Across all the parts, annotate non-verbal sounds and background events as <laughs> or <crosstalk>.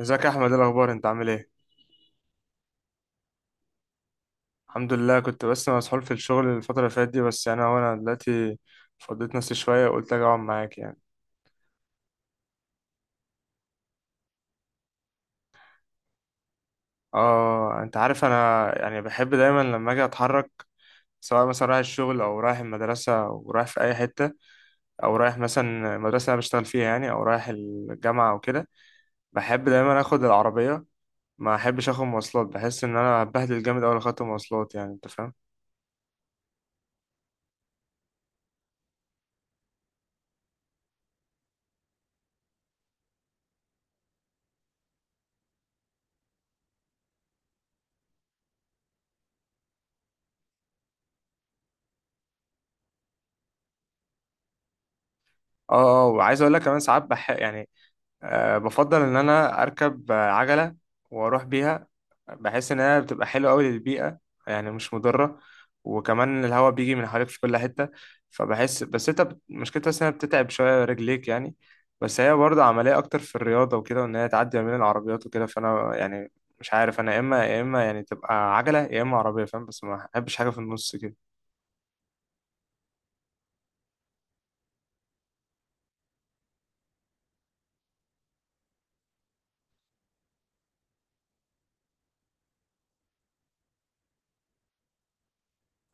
ازيك يا احمد؟ ايه الاخبار؟ انت عامل ايه؟ الحمد لله. كنت بس مسحول في الشغل الفتره اللي فاتت دي، بس يعني انا دلوقتي فضيت نفسي شويه وقلت اجي اقعد معاك يعني. اه انت عارف انا يعني بحب دايما لما اجي اتحرك، سواء مثلا رايح الشغل او رايح المدرسه او رايح في اي حته، او رايح مثلا المدرسه اللي انا بشتغل فيها يعني، او رايح الجامعه او كده. بحب دايما اخد العربيه، ما احبش اخد مواصلات، بحس ان انا بهدل جامد اول خدت مواصلات يعني، انت فاهم؟ اه اه وعايز اقول لك كمان ساعات بح يعني، أه بفضل إن أنا أركب عجلة وأروح بيها. بحس إن هي بتبقى حلوة أوي للبيئة، يعني مش مضرة، وكمان الهواء بيجي من حواليك في كل حتة. فبحس بس أنت مشكلتها بس إنها بتتعب شوية رجليك يعني، بس هي برضه عملية أكتر في الرياضة وكده، وإن هي تعدي ما بين العربيات وكده. فأنا يعني مش عارف أنا، يا إما يعني تبقى عجلة يا إما عربية، فاهم؟ بس ما أحبش حاجة في النص كده.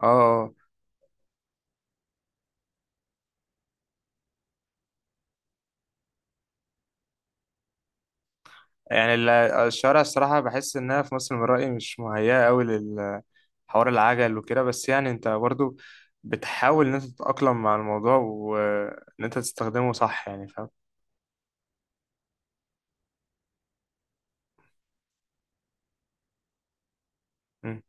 اه آه. يعني الشوارع الصراحة بحس إنها في مصر من رأيي مش مهيئة أوي للحوار العجل وكده، بس يعني أنت برضو بتحاول إن أنت تتأقلم مع الموضوع وإن أنت تستخدمه صح يعني، فاهم؟ مم.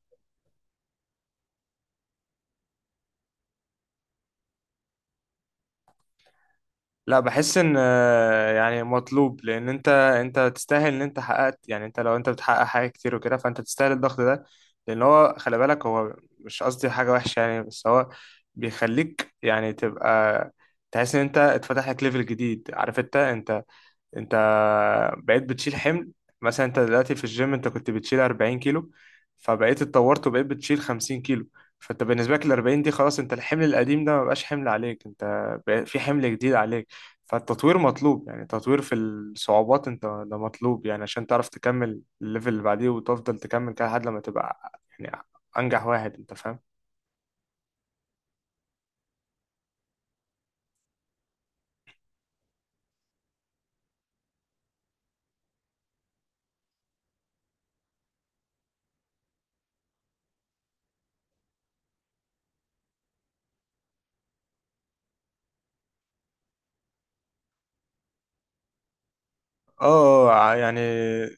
لا بحس إن يعني مطلوب، لأن أنت تستاهل إن أنت حققت. يعني أنت لو أنت بتحقق حاجة كتير وكده فأنت تستاهل الضغط ده، لأن هو خلي بالك، هو مش قصدي حاجة وحشة يعني، بس هو بيخليك يعني تبقى تحس إن أنت اتفتح لك ليفل جديد. عارف أنت أنت انت بقيت بتشيل حمل. مثلا انت دلوقتي في الجيم انت كنت بتشيل 40 كيلو، فبقيت اتطورت وبقيت بتشيل 50 كيلو، فانت بالنسبه لك ال 40 دي خلاص، انت الحمل القديم ده ما بقاش حمل عليك، انت بقى في حمل جديد عليك. فالتطوير مطلوب، يعني تطوير في الصعوبات انت ده مطلوب يعني، عشان تعرف تكمل الليفل اللي بعديه وتفضل تكمل كده لحد لما تبقى يعني انجح واحد، انت فاهم؟ يعني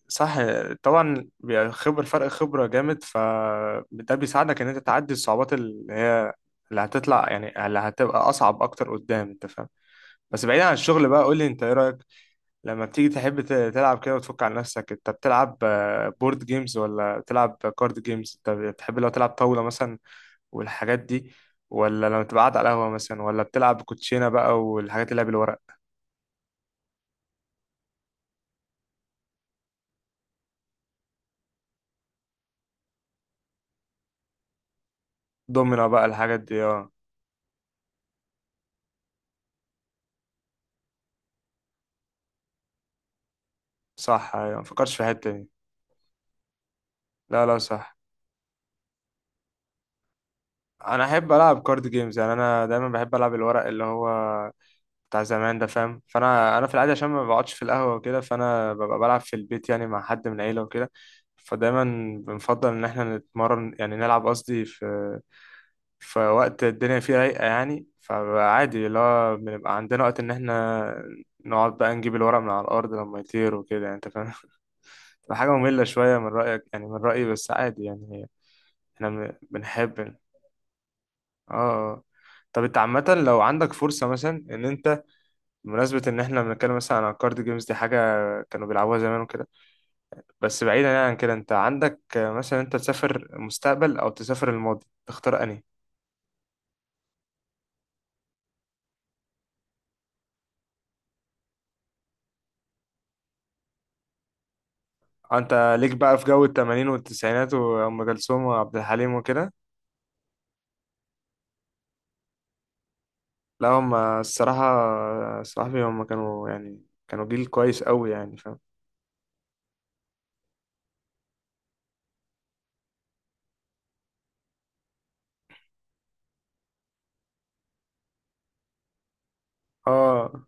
صح. طبعا بيبقى خبر فرق خبرة جامد، فده بيساعدك ان انت تعدي الصعوبات اللي هتطلع، يعني اللي هتبقى اصعب اكتر قدام، انت فاهم؟ بس بعيدا عن الشغل بقى، قول لي انت ايه رأيك لما بتيجي تحب تلعب كده وتفك عن نفسك، انت بتلعب بورد جيمز ولا بتلعب كارد جيمز؟ انت بتحب لو تلعب طاولة مثلا والحاجات دي؟ ولا لما تبقى قاعد على القهوة مثلا ولا بتلعب كوتشينة بقى والحاجات اللي هي بالورق؟ دومينو بقى الحاجات دي، اه. صح ايوه، مفكرش في الحتة دي. لا لا صح. انا احب العب كارد جيمز، يعني انا دايما بحب العب الورق اللي هو بتاع زمان ده، فاهم؟ فانا في العاده عشان ما بقعدش في القهوه وكده، فانا ببقى بلعب في البيت يعني مع حد من العيله وكده. فدايما بنفضل ان احنا نتمرن، يعني نلعب قصدي في وقت الدنيا فيه رايقه يعني. فعادي اللي هو بنبقى عندنا وقت ان احنا نقعد بقى نجيب الورق من على الارض لما يطير وكده يعني، انت فاهم؟ <laughs> تبقى حاجه ممله شويه من رايك يعني، من رايي بس عادي يعني، احنا بنحب. اه طب انت عامة لو عندك فرصة، مثلا ان انت بمناسبة ان احنا بنتكلم مثلا عن الكارد جيمز دي، حاجة كانوا بيلعبوها زمان وكده، بس بعيدا يعني عن كده، انت عندك مثلا انت تسافر المستقبل او تسافر الماضي، تختار انهي؟ انت ليك بقى في جو التمانين والتسعينات وام كلثوم وعبد الحليم وكده. لا هم الصراحة صاحبي، هم كانوا يعني كانوا جيل كويس قوي يعني، فاهم؟ اه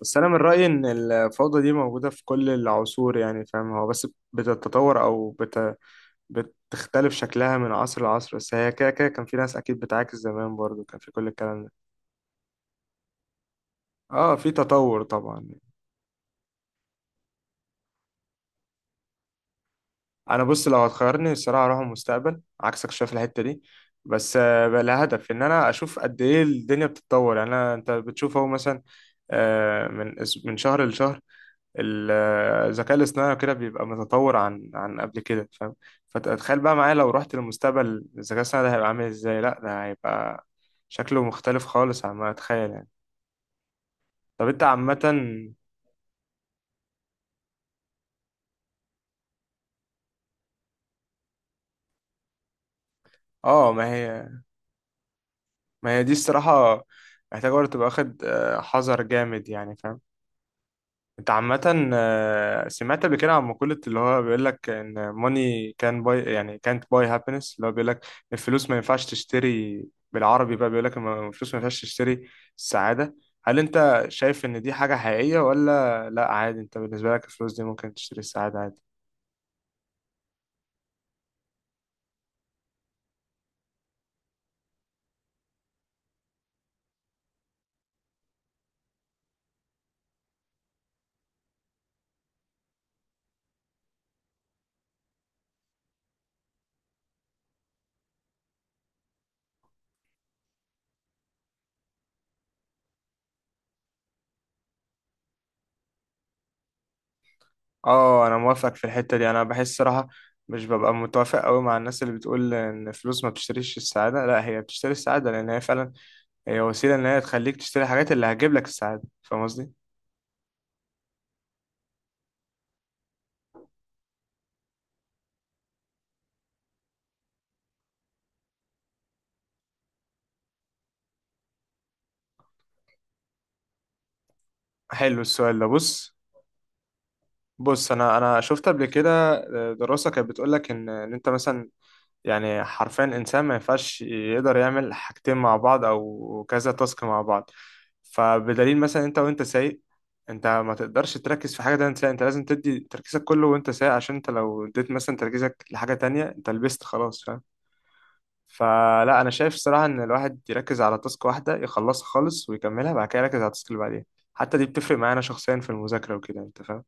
بس انا من رايي ان الفوضى دي موجوده في كل العصور يعني، فاهم؟ هو بس بتتطور او بت بتختلف شكلها من عصر لعصر، بس هي كده كده كان في ناس اكيد بتعاكس زمان، برضو كان في كل الكلام ده. اه في تطور طبعا. انا بص لو هتخيرني الصراحه اروح المستقبل، عكسك شايف الحته دي، بس بقى لها هدف ان انا اشوف قد ايه الدنيا بتتطور يعني. انا انت بتشوف اهو مثلا، من من شهر لشهر الذكاء الاصطناعي كده بيبقى متطور عن قبل كده، فاهم؟ فتخيل بقى معايا لو رحت للمستقبل، الذكاء الاصطناعي ده هيبقى عامل ازاي؟ لا ده هيبقى شكله مختلف خالص عما اتخيل يعني. طب انت عامة اه. ما هي دي الصراحة محتاجة برضه تبقى واخد حذر جامد يعني، فاهم؟ انت عامة سمعت قبل كده عن مقولة اللي هو بيقول لك ان money can buy يعني can't buy happiness، اللي هو بيقول لك الفلوس ما ينفعش تشتري. بالعربي بقى بيقول لك الفلوس ما ينفعش تشتري السعادة. هل انت شايف ان دي حاجة حقيقية، ولا لا عادي انت بالنسبة لك الفلوس دي ممكن تشتري السعادة عادي؟ اه انا موافق في الحتة دي. انا بحس صراحة مش ببقى متوافق قوي مع الناس اللي بتقول ان الفلوس ما بتشتريش السعادة. لا، هي بتشتري السعادة، لان هي فعلا هي وسيلة ان هي تخليك تشتري الحاجات اللي هتجيب لك السعادة، فاهم قصدي؟ حلو السؤال ده، بص. انا شفت قبل كده دراسة كانت بتقول لك ان انت مثلا يعني حرفيا الإنسان ما ينفعش يقدر يعمل حاجتين مع بعض أو كذا تاسك مع بعض. فبدليل مثلا أنت وأنت سايق، أنت ما تقدرش تركز في حاجة تانية سايق، أنت لازم تدي تركيزك كله وأنت سايق، عشان أنت لو اديت مثلا تركيزك لحاجة تانية أنت لبست خلاص، فاهم؟ فلا أنا شايف الصراحة إن الواحد يركز على تاسك واحدة يخلصها خالص، ويكملها بعد كده يركز على التاسك اللي بعدين. حتى دي بتفرق معانا شخصيا في المذاكرة وكده، أنت فاهم؟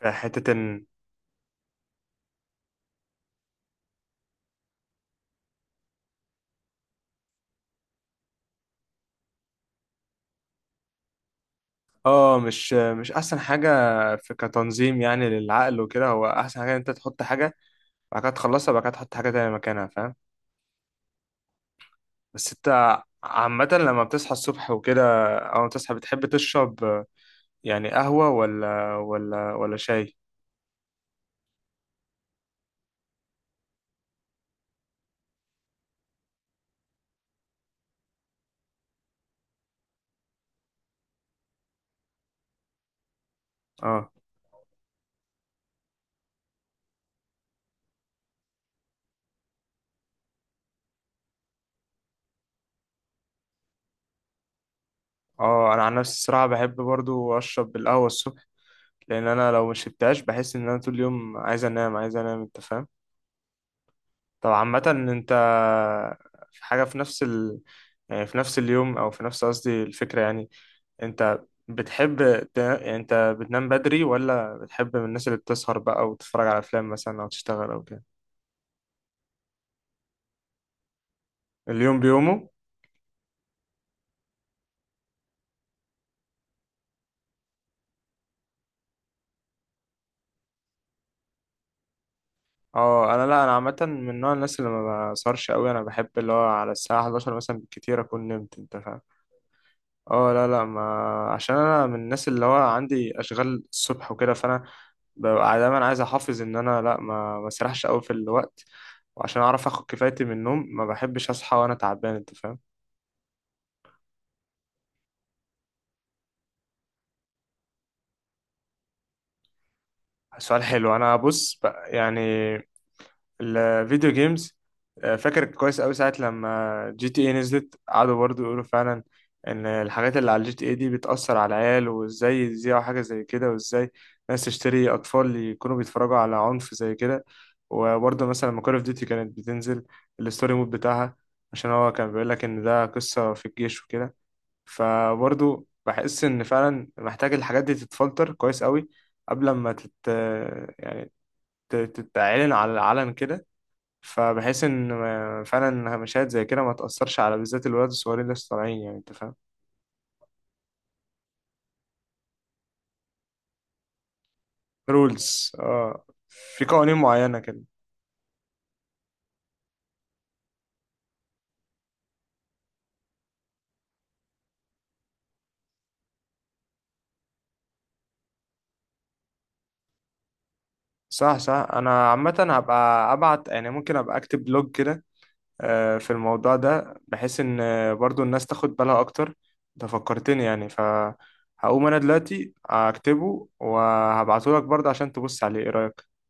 في حتة إن اه مش احسن حاجه في كتنظيم يعني للعقل وكده. هو احسن حاجه إن انت تحط حاجه بعد كده تخلصها، بعد كده تحط حاجه تانية مكانها، فاهم؟ بس انت عامه لما بتصحى الصبح وكده او تصحى، بتحب تشرب يعني قهوه ولا شاي؟ اه اه انا عن نفسي الصراحه بحب برضو اشرب القهوه الصبح، لان انا لو ما شربتهاش بحس ان انا طول اليوم عايز انام، عايز انام، انت فاهم؟ طب عامه انت في حاجه في نفس ال... يعني في نفس اليوم او في نفس قصدي الفكره يعني، انت بتحب ت... انت بتنام بدري ولا بتحب من الناس اللي بتسهر بقى وتتفرج على افلام مثلا او تشتغل او كده؟ اليوم بيومه. اه انا لا، انا عامه من نوع الناس اللي ما بسهرش قوي. انا بحب اللي هو على الساعه 11 مثلا بالكتير اكون نمت، انت فاهم؟ اه لا لا ما عشان انا من الناس اللي هو عندي اشغال الصبح وكده، فانا ببقى دايما عايز احافظ ان انا لا ما اسرحش قوي في الوقت، وعشان اعرف اخد كفايتي من النوم، ما بحبش اصحى وانا تعبان، انت فاهم؟ سؤال حلو. انا بص بقى يعني الفيديو جيمز، فاكر كويس قوي ساعة لما جي تي اي نزلت، قعدوا برضو يقولوا فعلا ان الحاجات اللي على الجي تي اي دي بتأثر على العيال، وازاي يذيعوا حاجة زي كده، وازاي ناس تشتري اطفال يكونوا بيتفرجوا على عنف زي كده. وبرضه مثلا لما كول اوف ديوتي كانت بتنزل الستوري مود بتاعها، عشان هو كان بيقول لك ان ده قصة في الجيش وكده، فبرضه بحس ان فعلا محتاج الحاجات دي تتفلتر كويس قوي قبل ما تت يعني تتعلن على العلن كده، فبحيث ان فعلا مشاهد زي كده ما تأثرش على بالذات الولاد الصغيرين اللي لسه طالعين يعني، انت فاهم؟ رولز اه، في قوانين معينة كده. صح انا عامة هبقى ابعت يعني، ممكن ابقى اكتب بلوج كده في الموضوع ده، بحيث ان برضو الناس تاخد بالها اكتر. انت فكرتني يعني، فهقوم انا دلوقتي اكتبه وهبعته لك برضه عشان تبص عليه ايه رأيك.